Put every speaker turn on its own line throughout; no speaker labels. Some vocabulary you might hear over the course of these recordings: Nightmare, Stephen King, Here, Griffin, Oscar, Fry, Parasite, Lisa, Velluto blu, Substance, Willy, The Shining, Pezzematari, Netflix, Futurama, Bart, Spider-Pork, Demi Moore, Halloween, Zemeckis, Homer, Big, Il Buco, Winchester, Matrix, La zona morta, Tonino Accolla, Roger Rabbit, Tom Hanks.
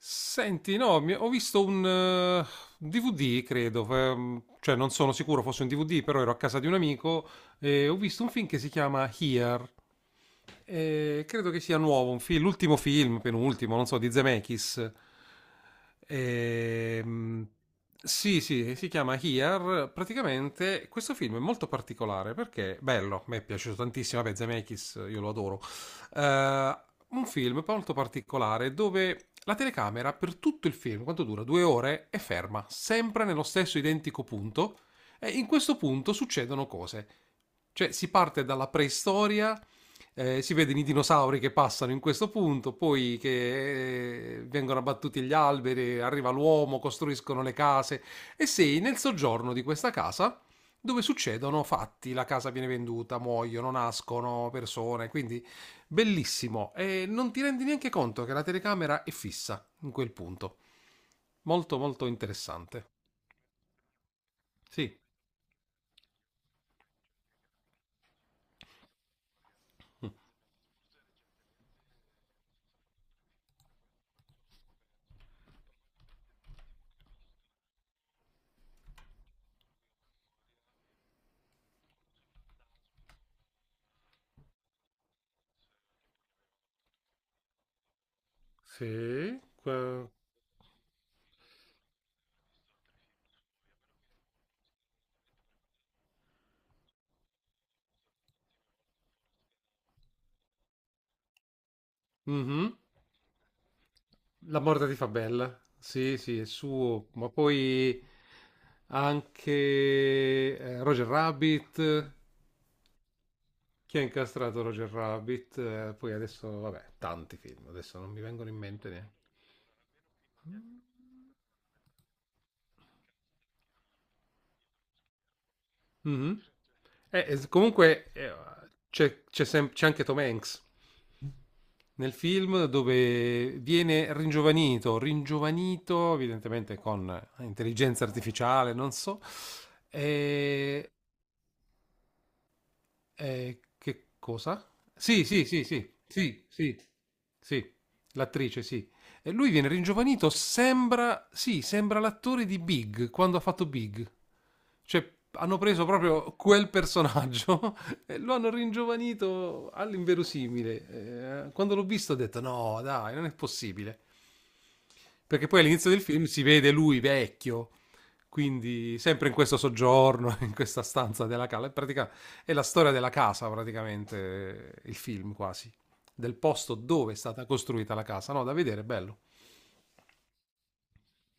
Senti, no, ho visto un un DVD, credo, cioè non sono sicuro fosse un DVD, però ero a casa di un amico e ho visto un film che si chiama Here. Credo che sia nuovo, un film, l'ultimo film, penultimo, non so, di Zemeckis. Ehm, sì, sì, si chiama Here. Praticamente questo film è molto particolare perché bello, mi è piaciuto tantissimo. Vabbè, Zemeckis, io lo adoro. Eh, un film molto particolare dove la telecamera per tutto il film, quanto dura? Due ore, è ferma, sempre nello stesso identico punto. E in questo punto succedono cose. Cioè, si parte dalla preistoria, si vedono i dinosauri che passano in questo punto, poi che vengono abbattuti gli alberi, arriva l'uomo, costruiscono le case e sei nel soggiorno di questa casa dove succedono fatti, la casa viene venduta, muoiono, nascono persone, quindi bellissimo e non ti rendi neanche conto che la telecamera è fissa in quel punto. Molto molto interessante. Sì. Sì, Mhm. La morte ti fa bella. Sì, sì, è suo, ma poi anche Roger Rabbit. Chi ha incastrato Roger Rabbit? Poi adesso, vabbè, tanti film, adesso non mi vengono in mente neanche. Mh-mh. E s comunque, c'è anche Tom Hanks nel film dove viene ringiovanito, ringiovanito evidentemente con intelligenza artificiale, non so, ehm, che cosa? Sì, sì, sì, sì, sì, sì, sì, l'attrice, sì. E lui viene ringiovanito, sembra, sì, sembra l'attore di Big, quando ha fatto Big. Cioè, hanno preso proprio quel personaggio e lo hanno ringiovanito all'inverosimile. Quando l'ho visto ho detto, no, dai, non è possibile. Perché poi all'inizio del film si vede lui vecchio, quindi sempre in questo soggiorno, in questa stanza della cala, in pratica è la storia della casa, praticamente, il film quasi, del posto dove è stata costruita la casa. No, da vedere, è bello.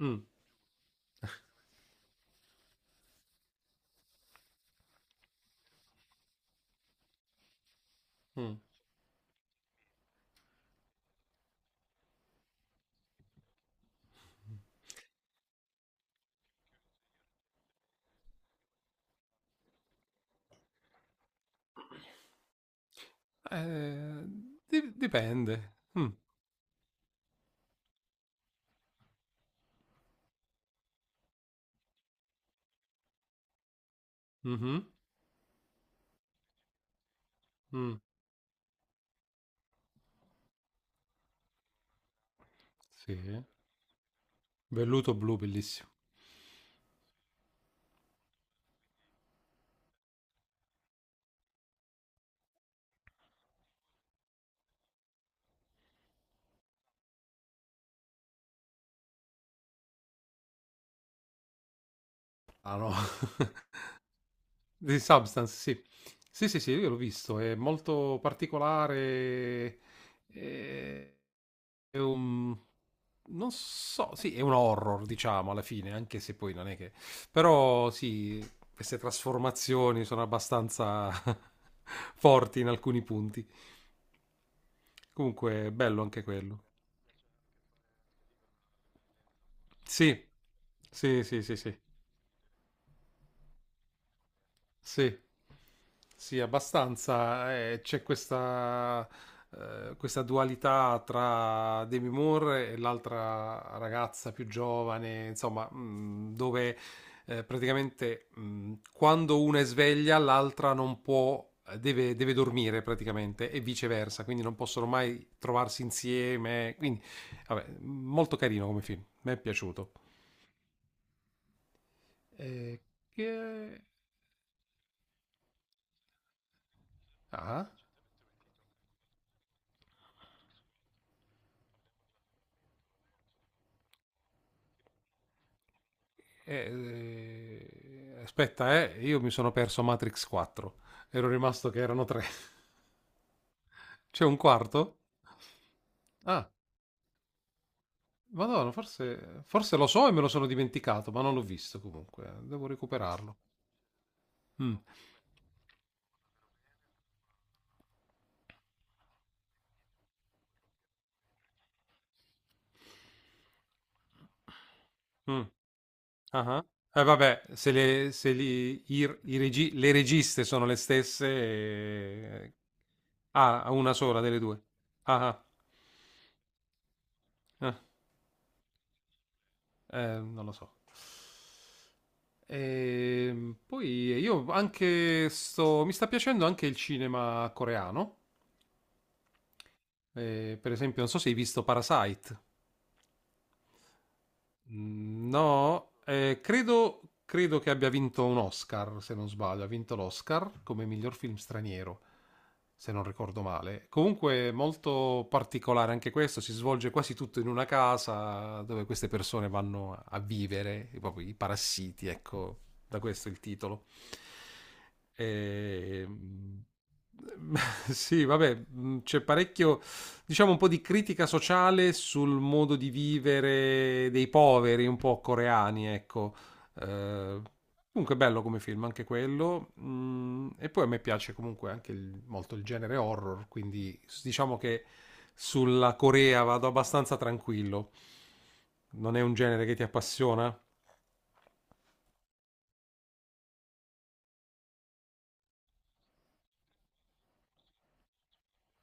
Mm. Mm. Eh, Dipende. Mm. Mhm. Mm. Sì. Velluto blu, bellissimo. Ah no, di Substance, sì. Sì, sì, sì, io l'ho visto, è molto particolare. eh, è un... Non so, sì, è un horror, diciamo, alla fine, anche se poi non è che... Però sì, queste trasformazioni sono abbastanza forti in alcuni punti. Comunque, bello anche quello. Sì, sì, sì, sì, sì. Sì. Sì, abbastanza. C'è questa, questa dualità tra Demi Moore e l'altra ragazza più giovane, insomma, dove praticamente quando una è sveglia, l'altra non può, deve dormire praticamente e viceversa, quindi non possono mai trovarsi insieme. Quindi, vabbè, molto carino come film, mi è piaciuto. Eh, che... Ah? Eh, Aspetta, io mi sono perso Matrix 4. Ero rimasto che erano tre. C'è un quarto? Ah, madonna, forse, forse lo so e me lo sono dimenticato, ma non l'ho visto comunque. Devo recuperarlo. Mm. Mh. Ah-ah. Eh vabbè, se le se li i r i regi le registe sono le stesse, ehm ah, una sola delle 2. Ah-ah. Ah. Non lo so. Poi io anche sto mi sta piacendo anche il cinema coreano. Per esempio, non so se hai visto Parasite. Mm, no, credo che abbia vinto un Oscar, se non sbaglio. Ha vinto l'Oscar come miglior film straniero, se non ricordo male. Comunque molto particolare anche questo, si svolge quasi tutto in una casa dove queste persone vanno a vivere, proprio i parassiti, ecco, da questo il titolo. E, sì, vabbè, c'è parecchio, diciamo, un po' di critica sociale sul modo di vivere dei poveri, un po' coreani, ecco. Eh, Comunque bello come film, anche quello. Mm, e poi a me piace comunque molto il genere horror, quindi diciamo che sulla Corea vado abbastanza tranquillo. Non è un genere che ti appassiona?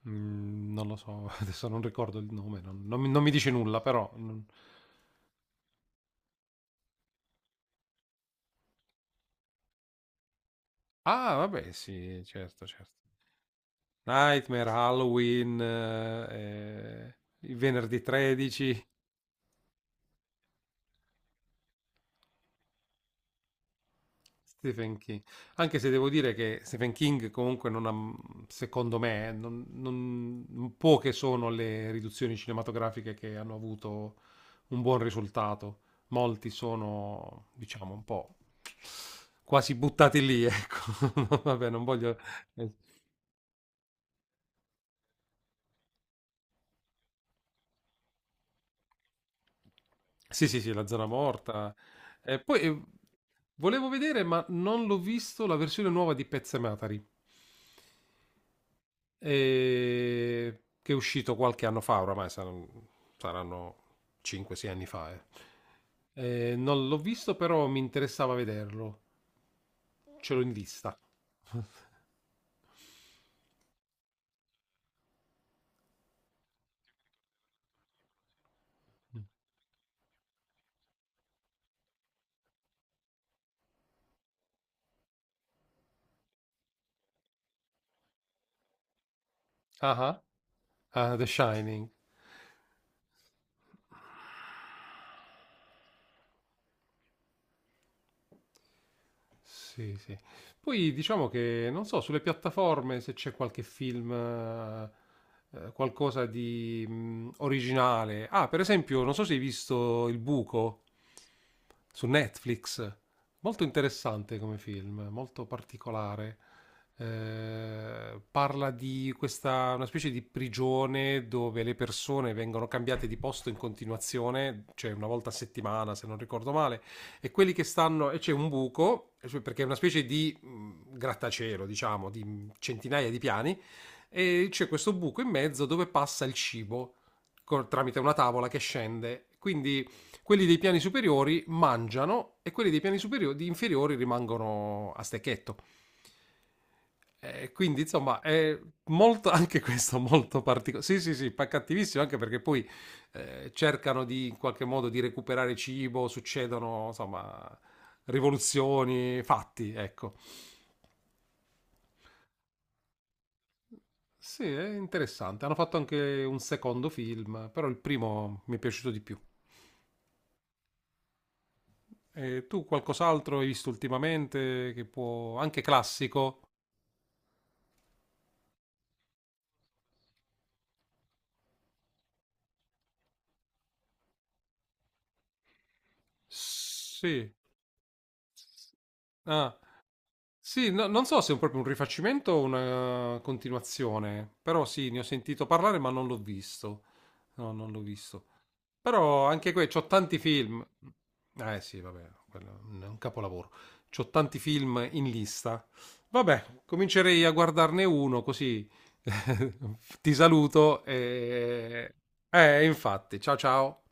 Mm, non lo so, adesso non ricordo il nome, non mi non mi dice nulla, però... Ah, vabbè, sì, certo, certo. Nightmare, Halloween, eh, il venerdì 13. Stephen King. Anche se devo dire che Stephen King comunque non ha, secondo me, poche sono le riduzioni cinematografiche che hanno avuto un buon risultato. Molti sono, diciamo, un po' quasi buttati lì, ecco. Vabbè, non voglio... eh, Sì, sì, sì, La zona morta. E poi volevo vedere, ma non l'ho visto, la versione nuova di Pezzematari. E che è uscito qualche anno fa, oramai saranno 5-6 anni fa. Non l'ho visto, però mi interessava vederlo. Ce l'ho in vista. Ah, ah, ah, The Shining. Sì, sì. Poi diciamo che, non so, sulle piattaforme se c'è qualche film, qualcosa di originale. Ah, per esempio, non so se hai visto Il Buco su Netflix. Molto interessante come film, molto particolare. Parla di questa, una specie di prigione dove le persone vengono cambiate di posto in continuazione, cioè una volta a settimana, se non ricordo male e quelli che stanno e c'è un buco cioè, perché è una specie di grattacielo, diciamo, di centinaia di piani e c'è questo buco in mezzo dove passa il cibo tramite una tavola che scende. Quindi quelli dei piani superiori mangiano e quelli dei piani superiori, inferiori rimangono a stecchetto. Quindi, insomma, è molto anche questo molto particolare. Sì, sì, sì, cattivissimo anche perché poi cercano di in qualche modo di recuperare cibo, succedono insomma rivoluzioni, fatti, ecco. Sì, è interessante. Hanno fatto anche un secondo film, però il primo mi è piaciuto di più. E tu qualcos'altro hai visto ultimamente che può... anche classico? Sì. Ah, sì, non so se è proprio un rifacimento o una continuazione, però sì, ne ho sentito parlare ma non l'ho visto. No, non l'ho visto. Però anche qui c'ho tanti film. Eh sì, vabbè, quello è un capolavoro. C'ho tanti film in lista. Vabbè, comincerei a guardarne uno così ti saluto e... infatti, ciao ciao.